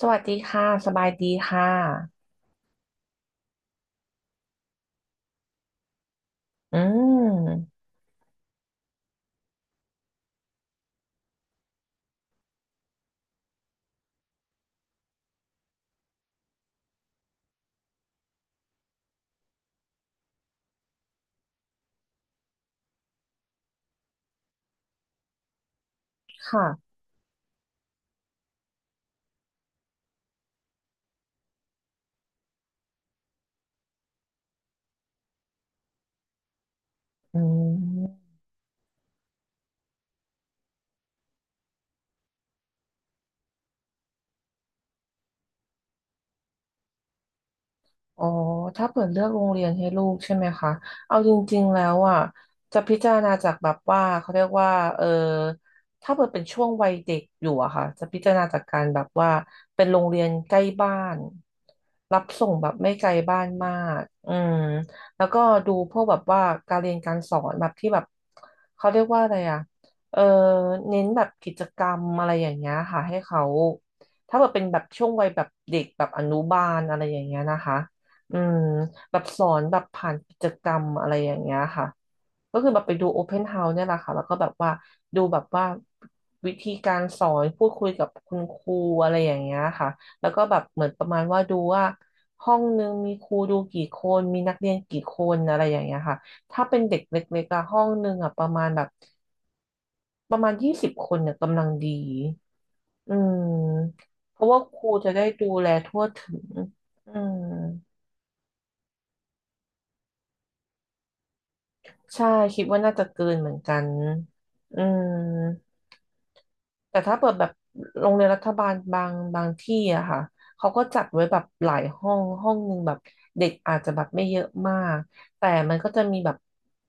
สวัสดีค่ะสบายดีค่ะอืมค่ะอืม อ๋อถ้าเปิดเลือกโรงเรียนให้ลูกใช่ไหมคะเอาจริงๆแล้วอ่ะจะพิจารณาจากแบบว่าเขาเรียกว่าเออถ้าเปิดเป็นช่วงวัยเด็กอยู่อะค่ะจะพิจารณาจากการแบบว่าเป็นโรงเรียนใกล้บ้านรับส่งแบบไม่ไกลบ้านมากอืมแล้วก็ดูพวกแบบว่าการเรียนการสอนแบบที่แบบเขาเรียกว่าอะไรอ่ะเออเน้นแบบกิจกรรมอะไรอย่างเงี้ยค่ะให้เขาถ้าแบบเป็นแบบช่วงวัยแบบเด็กแบบอนุบาลอะไรอย่างเงี้ยนะคะ อืมแบบสอนแบบผ่านกิจกรรมอะไรอย่างเงี้ยค่ะก็คือแบบไปดูโอเพนเฮาส์เนี่ยแหละค่ะแล้วก็แบบว่าดูแบบว่าวิธีการสอนพูดคุยกับคุณครูอะไรอย่างเงี้ยค่ะแล้วก็แบบเหมือนประมาณว่าดูว่าห้องนึงมีครูดูกี่คนมีนักเรียนกี่คนอะไรอย่างเงี้ยค่ะถ้าเป็นเด็กเล็กๆอะห้องนึงอะประมาณแบบประมาณ20 คนเนี่ยกำลังดีอืมเพราะว่าครูจะได้ดูแลทั่วถึงอืม ใช่คิดว่าน่าจะเกินเหมือนกันอืม แต่ถ้าเปิดแบบโรงเรียนรัฐบาลบางที่อะค่ะเขาก็จัดไว้แบบหลายห้องห้องหนึ่งแบบเด็กอาจจะแบบไม่เยอะมากแต่มันก็จะมีแบบ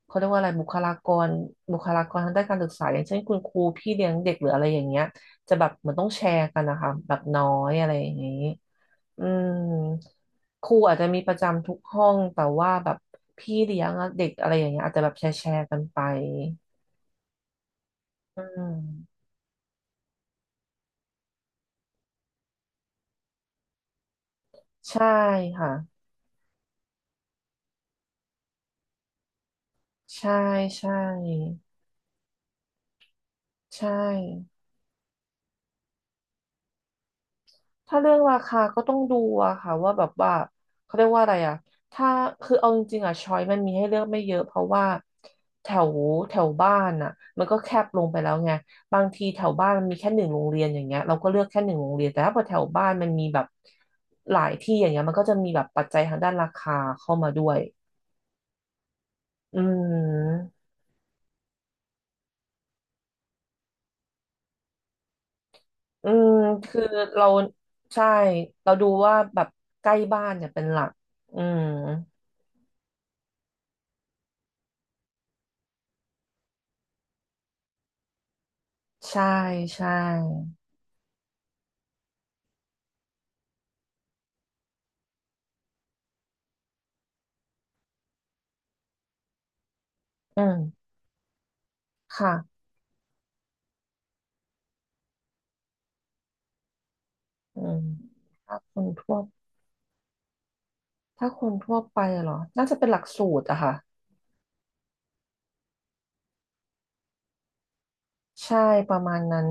เขาเรียกว่าอะไรบุคลากรบุคลากรทางด้านการศึกษาอย่างเช่นคุณครูพี่เลี้ยงเด็กหรืออะไรอย่างเงี้ยจะแบบเหมันต้องแชร์กันนะคะแบบน้อยอะไรอย่างงี้อืมครูอาจจะมีประจำทุกห้องแต่ว่าแบบพี่เลี้ยงอะเด็กอะไรอย่างเงี้ยอาจจะแบบแชร์กันไปอืมใช่ค่ะ ใช่ใช่ใช่ถ้าเรื่องราคาก็ต้องดูอะค่ะว่าแบบว่าเขาเรียกว่าอะไรอะถ้าคือเอาจริงๆอะช้อยมันมีให้เลือกไม่เยอะเพราะว่าแถวแถวบ้านอะมันก็แคบลงไปแล้วไงบางทีแถวบ้านมันมีแค่หนึ่งโรงเรียนอย่างเงี้ยเราก็เลือกแค่หนึ่งโรงเรียนแต่ถ้าพอแถวบ้านมันมีแบบหลายที่อย่างเงี้ยมันก็จะมีแบบปัจจัยทางด้านราคาเข้ามาด้วยอืม อืมคือเราใช่เราดูว่าแบบใกล้บ้านเนี่ยเป็นหลักอืมใช่ใช่อืมค่ะอืมถ้าคนทั่วถ้าคนทั่วไปเหรอน่าจะเป็นหลักสูตรอะค่ะใช่ประมาณนั้น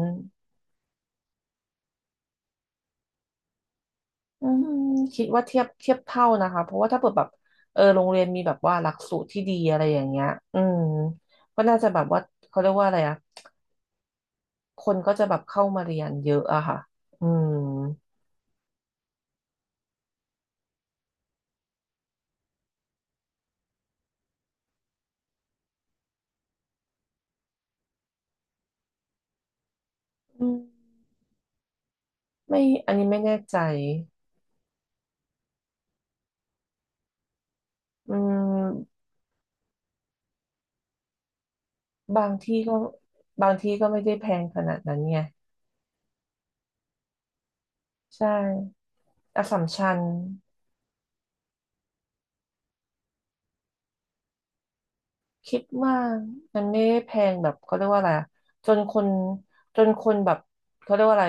อืมคิดว่าเทียบเท่านะคะเพราะว่าถ้าเปิดแบบโรงเรียนมีแบบว่าหลักสูตรที่ดีอะไรอย่างเงี้ยอืมก็น่าจะแบบว่าเขาเรียกว่าอะไรอะคนก็จะแบบเข้ามาเรียนเยอะอะค่ะอืมอืม ไม่อันนี้ไม่แน่ใจอืมบางที่ก็บางที่ก็ไม่ได้แพงขนาดนั้นไงใช่อสสัมชัญคิดว่ามันไม่ได้แพงแบบเขาเรียกว่าอะไรอะจนคนจนคนแบบเขาเรียกว่าอะไร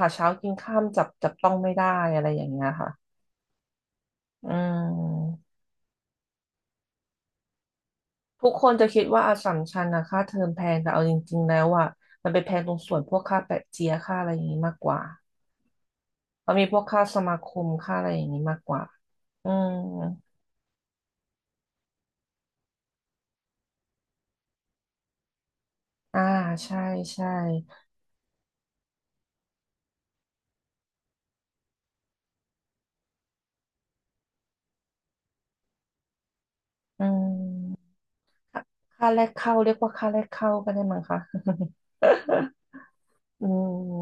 หาเช้ากินค่ำจับต้องไม่ได้อะไรอย่างเงี้ยค่ะอืมทุกคนจะคิดว่าอัสสัมชัญนะค่าเทอมแพงแต่เอาจริงๆแล้วอ่ะมันไปแพงตรงส่วนพวกค่าแปะเจียค่าอะไรอย่างงี้มากกว่า มันมีพวกค่าสมาคมค่าอะไรอย่างนี้มากกว่า อืมอ่า ใช่ใช่ อืมค่าค่าแรกเข้าเรียกว่าค่าแรกเข้าก็ได้มั้งคะ อืม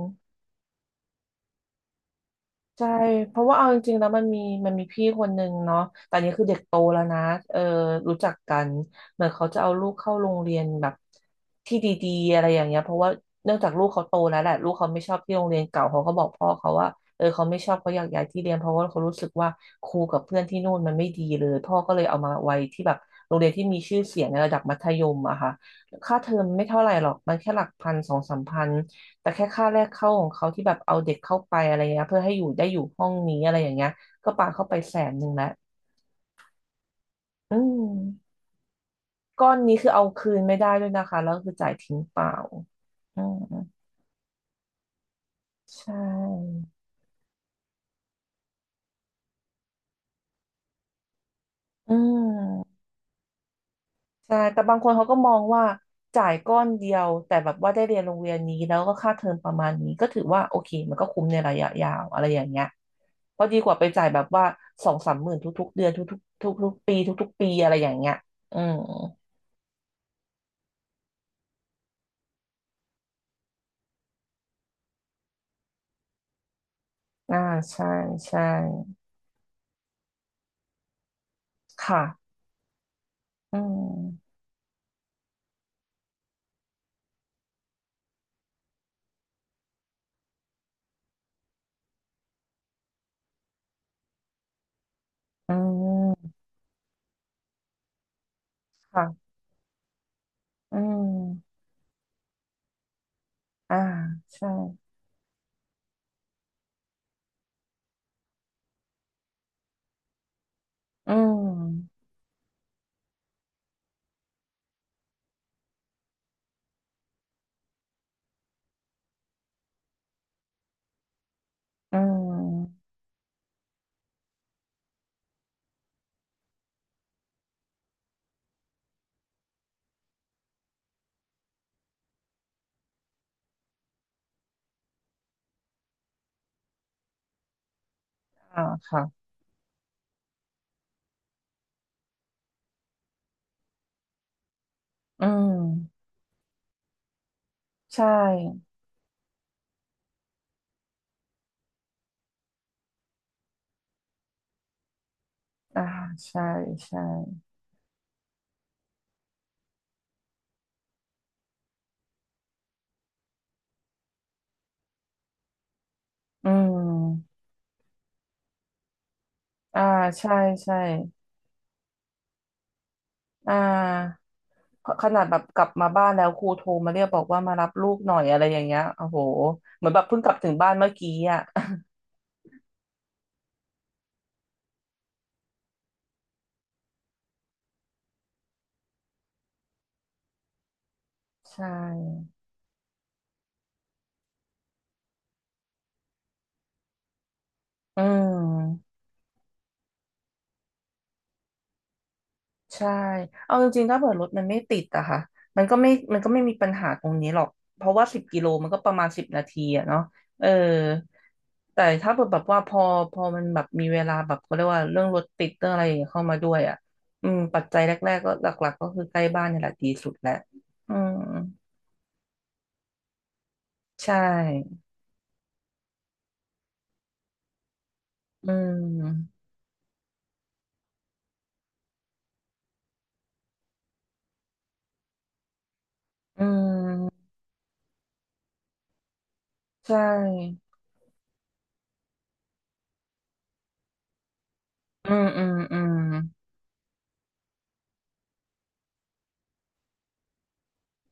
ใช่เพราะว่าเอาจริงๆแล้วมันมีพี่คนหนึ่งเนาะแต่อันนี้คือเด็กโตแล้วนะเออรู้จักกันเหมือนเขาจะเอาลูกเข้าโรงเรียนแบบที่ดีๆอะไรอย่างเงี้ยเพราะว่าเนื่องจากลูกเขาโตแล้วแหละลูกเขาไม่ชอบที่โรงเรียนเก่าเขาก็บอกพ่อเขาว่าเออเขาไม่ชอบเขาอยากย้ายที่เรียนเพราะว่าเขารู้สึกว่าครูกับเพื่อนที่นู่นมันไม่ดีเลยพ่อก็เลยเอามาไว้ที่แบบโรงเรียนที่มีชื่อเสียงในระดับมัธยมอะค่ะค่าเทอมไม่เท่าไหร่หรอกมันแค่หลักพันสองสามพัน แต่แค่ค่าแรกเข้าของเขาที่แบบเอาเด็กเข้าไปอะไรเงี้ยเพื่อให้อยู่ได้อยู่ห้องนี้อะไรอย่างเงี้ยก็ปาเข้าไปแสนหนึ่งแล้วอืมก้อนนี้คือเอาคืนไม่ได้ด้วยนะคะแล้วคือจ่ายทิ้งเปล่าอืมใช่อืมใช่แต่บางคนเขาก็มองว่าจ่ายก้อนเดียวแต่แบบว่าได้เรียนโรงเรียนนี้แล้วก็ค่าเทอมประมาณนี้ก็ถือว่าโอเคมันก็คุ้มในระยะยาวอะไรอย่างเงี้ยเพราะดีกว่าไปจ่ายแบบว่าสองสามหมื่นทุกๆเดือนทุกๆทุกๆปีทุกๆปีอะไรอย่างเงี้ยอืม อ่าใช่ใช่ค่ะอืมอืมค่ะอืมอ่าใช่อืมอืมอ่าค่ะอืมใช่อ่าใช่ใช่อืมอ่าใช่ใช่อ่าขขนาดแบบกลับมาบ้านแล้วครูโทรมาเรียกบอกว่ามารับลูกหน่อยอะไรอย่างเงี้ยโอ้โหเหมือนแบบเพิ่งกลับถึงบ้านเมื่อกี้อ่ะ ใช่อืม ใช่ เอาจริงๆ ถ้าเผื่อรถมันไม่ติดอะค่ะมันก็ไม่มีปัญหาตรงนี้หรอก เพราะว่าสิบกิโลมันก็ประมาณสิบนาทีอะเนาะเออ แต่ถ้าเผื่อแบบว่าพอมันแบบมีเวลาแบบเขาเรียกว่าเรื่องรถติดเรื่องอะไรอย่างเงี้ยเข้ามาด้วยอะอืมปัจจัยแรกๆก็หลักๆ ก็คือใกล้บ้านนี่แหละดีสุดแหละอืมใช่อืมอืม ใช่ อืม อืม อืม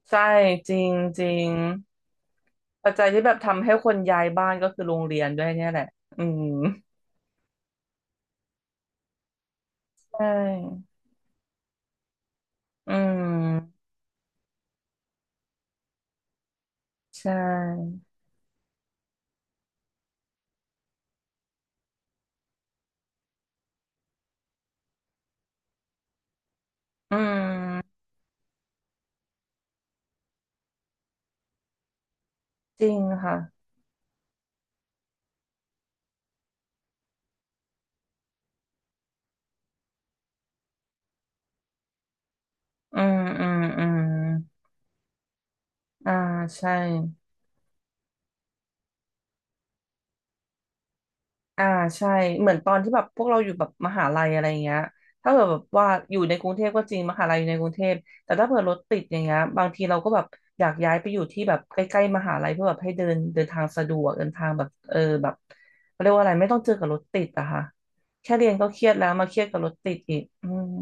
ใช่ จริงจริง ปัจจัยที่แบบทำให้คนย้ายบ้านก็คือโรงเรียนด้วยเนี่ยแหละ อืมใช่ อืมใช่ อืมจริงค่ะ อืมอืมอืมอ่าใช่ อ่าใช่เหมือนตอนที่แบบพวกเราอยู่แบบมหาลัยอะไรเงี้ยถ้าเกิดแบบว่าอยู่ในกรุงเทพก็จริงมหาลัยอยู่ในกรุงเทพแต่ถ้าเผื่อรถติดอย่างเงี้ยบางทีเราก็แบบอยากย้ายไปอยู่ที่แบบใกล้ๆมหาลัยเพื่อแบบให้เดินเดินทางสะดวกเดินทางแบบเออแบบเขาเรียกว่าอะไรไม่ต้องเจอกับรถติดอะค่ะแค่เรียนก็เครียดแล้วมาเครียดกับรถติดอีกอืม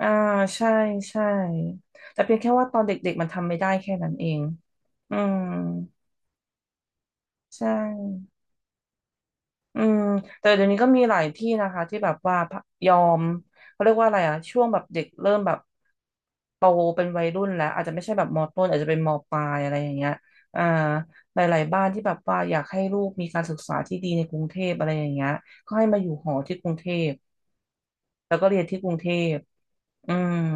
อ่าใช่ใช่แต่เพียงแค่ว่าตอนเด็กๆมันทำไม่ได้แค่นั้นเองอืมใช่ อืมแต่เดี๋ยวนี้ก็มีหลายที่นะคะที่แบบว่ายอมเขาเรียกว่าอะไรอะช่วงแบบเด็กเริ่มแบบโตเป็นวัยรุ่นแล้วอาจจะไม่ใช่แบบมต้นอาจจะเป็นมปลายอะไรอย่างเงี้ยอ่าหลายๆบ้านที่แบบว่าอยากให้ลูกมีการศึกษาที่ดีในกรุงเทพอะไรอย่างเงี้ยก็ให้มาอยู่หอที่กรุงเทพแล้วก็เรียนที่กรุงเทพอืม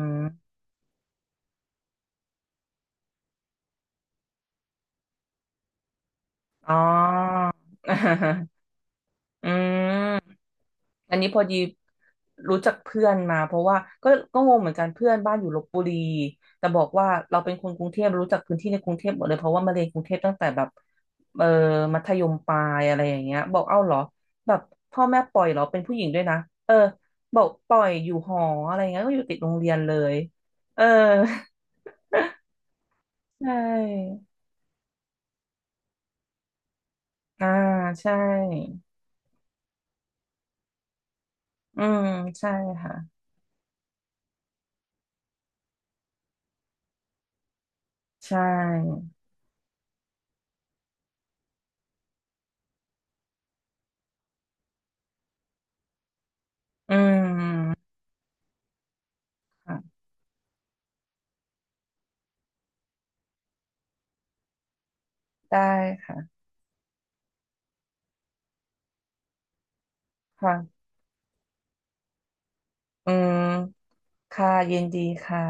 อ๋อ อืม อันนี้พอดีรู้จักเพื่อนมาเพราะว่าก็งงเหมือนกันเพื่อนบ้านอยู่ลพบุรีแต่บอกว่าเราเป็นคนกรุงเทพรู้จักพื้นที่ในกรุงเทพหมดเลยเพราะว่ามาเรียนกรุงเทพตั้งแต่แบบเออมัธยมปลายอะไรอย่างเงี้ยบอกเอ้าเหรอแบบพ่อแม่ปล่อยเหรอเป็นผู้หญิงด้วยนะเออบอกปล่อยอยู่หออะไรเงี้ยก็อยู่ติดโรงเรียนเลยเออ ใช่อ่าใช่อืมใช่ค่ะใช่อืมค่ะได้ค่ะค่ะอืม ค่ะยินดีค่ะ